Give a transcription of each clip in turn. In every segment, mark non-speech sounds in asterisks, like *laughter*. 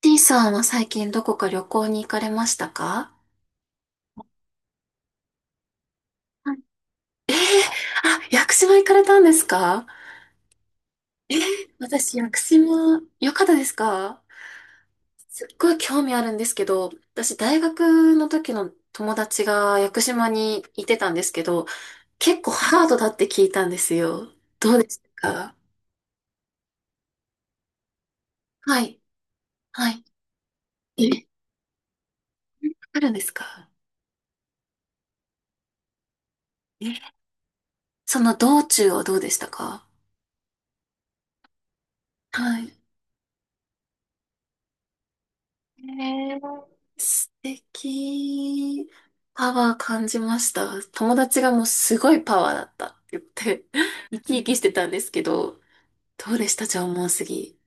T さんは最近どこか旅行に行かれましたか？はい。あ、屋久島行かれたんですか？えー私、屋久島、よかったですか？すっごい興味あるんですけど、私、大学の時の友達が屋久島にいてたんですけど、結構ハードだって聞いたんですよ。どうでしたか？はい、はい。え、かるんですか？え、その道中はどうでしたか？はい。えー、素敵。パワー感じました。友達がもうすごいパワーだったって言って、*laughs* 生き生きしてたんですけど、どうでした縄文杉？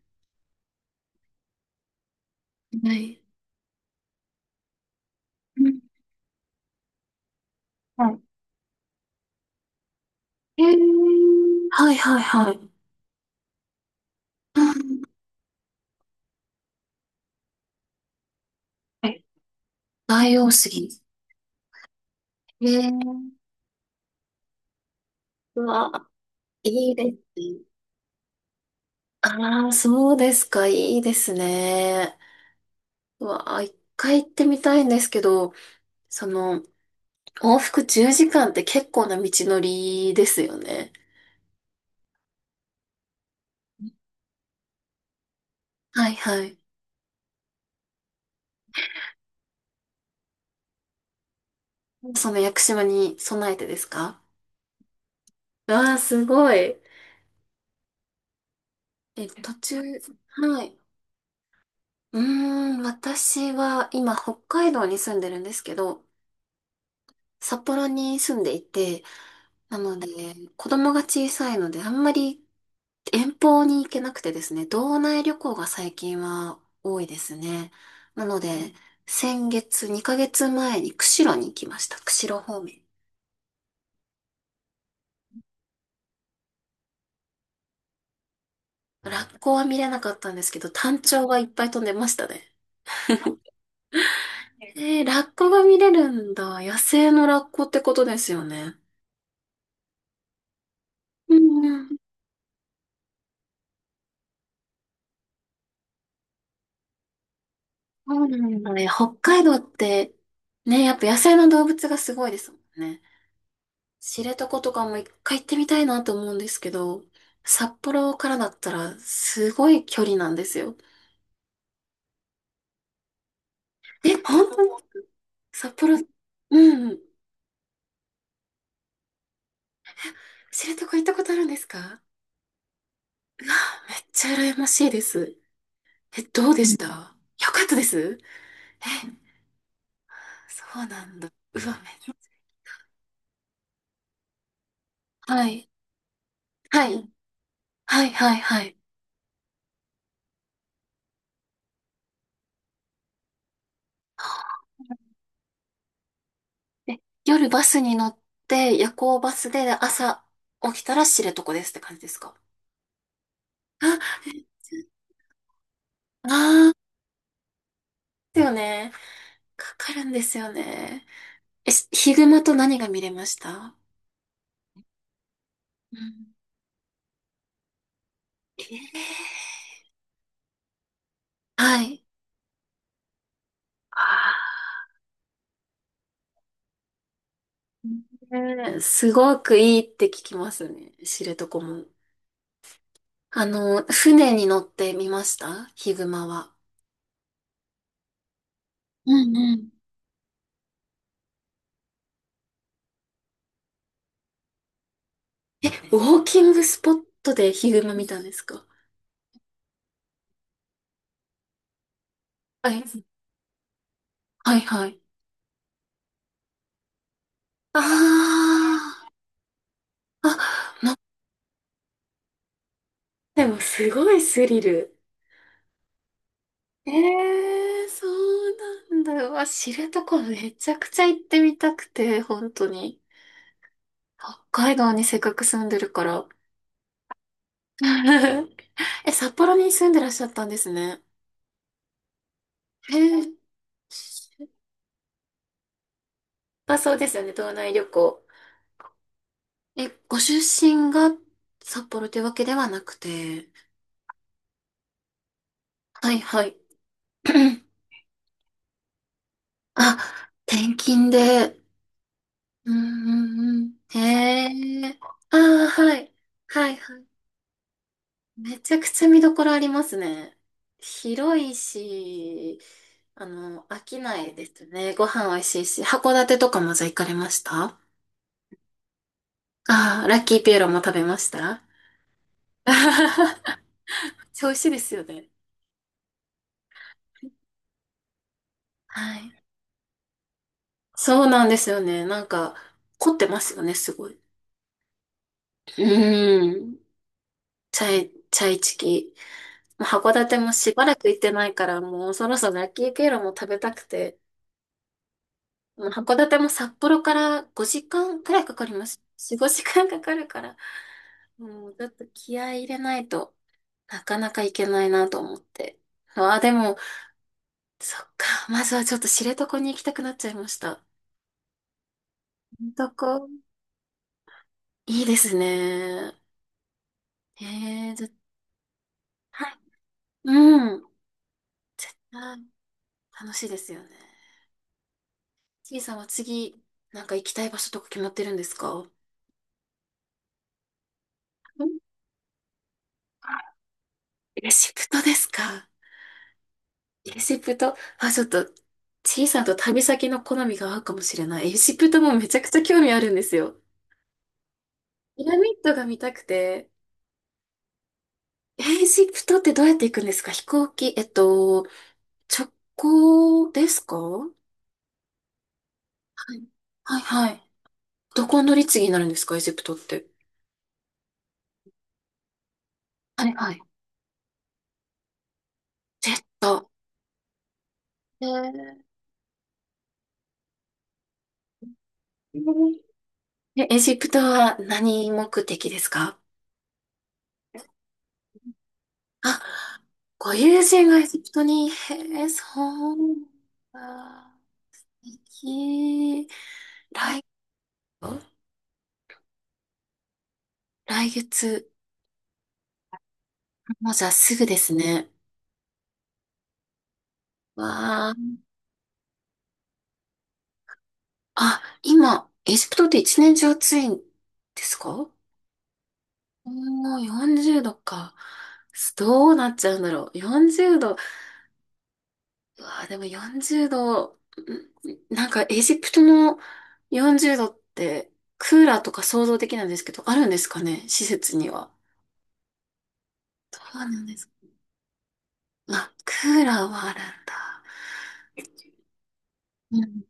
はい。うん。はい。えー、はい、はい、はい。うん。はい。大王杉。えー、うわ、いいですね。ああ、そうですか、いいですね。うわ、一回行ってみたいんですけど、その、往復10時間って結構な道のりですよね。はいはい。その屋久島に備えてですか？わあ、すごい。え、途中、はい。うーん、私は今北海道に住んでるんですけど、札幌に住んでいて、なので、子供が小さいのであんまり遠方に行けなくてですね、道内旅行が最近は多いですね。なので、先月、2ヶ月前に釧路に行きました。釧路方面。ラッコは見れなかったんですけど、タンチョウがいっぱい飛んでましたね。えー、ラッコが見れるんだ。野生のラッコってことですよね。うんうん。そうなんだね。北海道って、ね、やっぱ野生の動物がすごいですもんね。知床とかも一回行ってみたいなと思うんですけど、札幌からだったらすごい距離なんですよ。え、本当に？札幌、うんうん。知床行ったことあるんですか？うわ、めっちゃ羨ましいです。え、どうでしたよかったです？え、そうなんだ。うわ、めっちゃ。はい。はい。はい、はい、はい。はあえ、夜バスに乗って、夜行バスで朝起きたら知床ですって感じですか？あ、ああー、ですよね。かかるんですよね。え、ヒグマと何が見れました？うん。えー、はい。あーね、すごくいいって聞きますね。知床も。船に乗ってみましたヒグマは？うんうん。ウォーキングスポットでヒグマ見たんですか？はい。はいはい。ああ。あ、でもすごいスリル。ええーそうなんだ。うわ、知床めちゃくちゃ行ってみたくて、本当に。北海道にせっかく住んでるから。*laughs* え、札幌に住んでらっしゃったんですね。へえ。まあそうですよね、道内旅行。え、ご出身が札幌というわけではなくて。はいはい。*laughs* *clears throat* あ、転勤で、うんうんうん。へえ。ああ、はい。はいはい。めちゃくちゃ見どころありますね。広いし、飽きないですね。ご飯美味しいし。函館とかもじゃあ行かれました？ああー、ラッキーピエロも食べました？あはは、めっちゃ *laughs* 美味しいですよね。はい。そうなんですよね。なんか、凝ってますよね、すごい。うーん。チャイチキ。函館もしばらく行ってないから、もうそろそろ秋きいロも食べたくて、もう函館も札幌から5時間くらいかかります。4、5時間かかるから、もうちょっと気合い入れないとなかなか行けないなと思って。ああ、でも、そっか、まずはちょっと知床に行きたくなっちゃいました。知床、いいですね。ええ、じゃ、はい。うん。はい。楽しいですよね。ちいさんは次、なんか行きたい場所とか決まってるんですか？うん。レシプトですか？エジプト、あ、ちょっと、小さんと旅先の好みが合うかもしれない。エジプトもめちゃくちゃ興味あるんですよ。ピラミッドが見たくて。エジプトってどうやって行くんですか？飛行機、直行ですか？はい。はいはい。どこ乗り継ぎになるんですかエジプトって？はいはい。ジェット。えーえエジプトは何目的ですか？あ、ご友人がエジプトに、へえ、そうなんだ。行き、来、来月、もうじゃあすぐですね。わあ。あ、今、エジプトって一年中暑いんですか？もう40度か。どうなっちゃうんだろう。40度。うわあ、でも40度、なんかエジプトの40度って、クーラーとか想像できないんですけど、あるんですかね、施設には。そうなんです。まあ、クーラーはあるんだ。うん。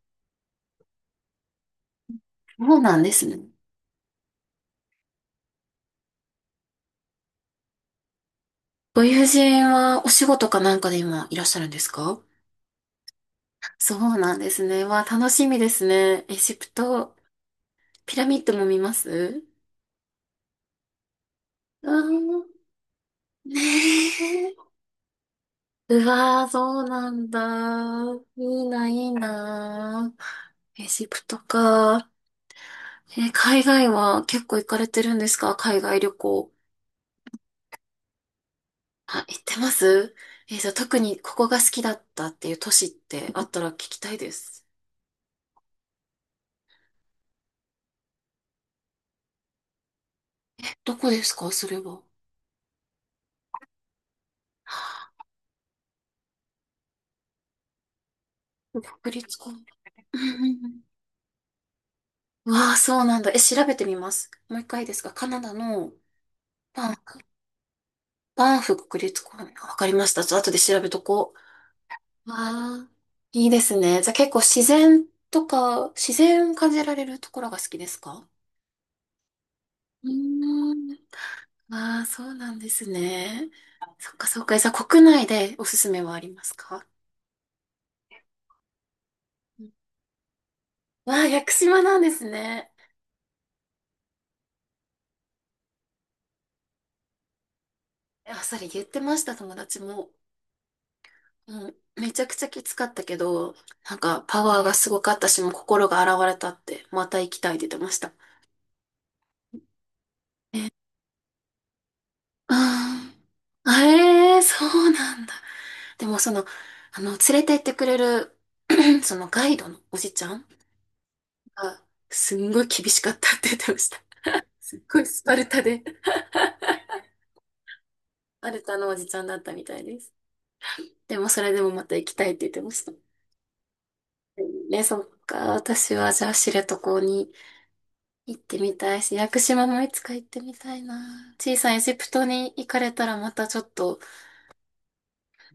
そうなんですね。ご友人はお仕事かなんかで今いらっしゃるんですか？そうなんですね。わあ、楽しみですね。エジプト、ピラミッドも見ます？ああー、ねえ。うわあ、そうなんだ。いいな、いいな。エジプトか。えー、海外は結構行かれてるんですか？海外旅行。あ、行ってます？えー、じゃあ特にここが好きだったっていう都市ってあったら聞きたいです。どこですかそれは？国立公園。うんうんうん*laughs* わあ、そうなんだ。え、調べてみます。もう一回ですかカナダの？バンフ、バンフ国立公園。わかりました。ちょっと後で調べとこう。わあ、いいですね。じゃあ結構自然とか、自然を感じられるところが好きですか？うーん。ああ、そうなんですね。そっかそっか。じゃあ国内でおすすめはありますか？わあ、屋久島なんですね。あ、それ言ってました、友達も。うん、めちゃくちゃきつかったけど、なんかパワーがすごかったし、もう心が洗われたって、また行きたいって言ってました。あーあえー、そうなんだ。でもその、連れて行ってくれる、*clears throat* そのガイドのおじちゃんが、すんごい厳しかったって言ってました。すっごいスパルタで、スパルタのおじちゃんだったみたいです。でもそれでもまた行きたいって言ってました。ね、そっか。私はじゃあ知床に行ってみたいし、屋久島もいつか行ってみたいな。小さいエジプトに行かれたらまたちょっと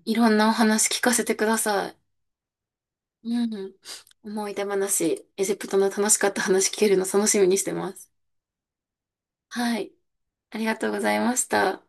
いろんなお話聞かせてください。うん。思い出話、エジプトの楽しかった話聞けるの楽しみにしてます。はい。ありがとうございました。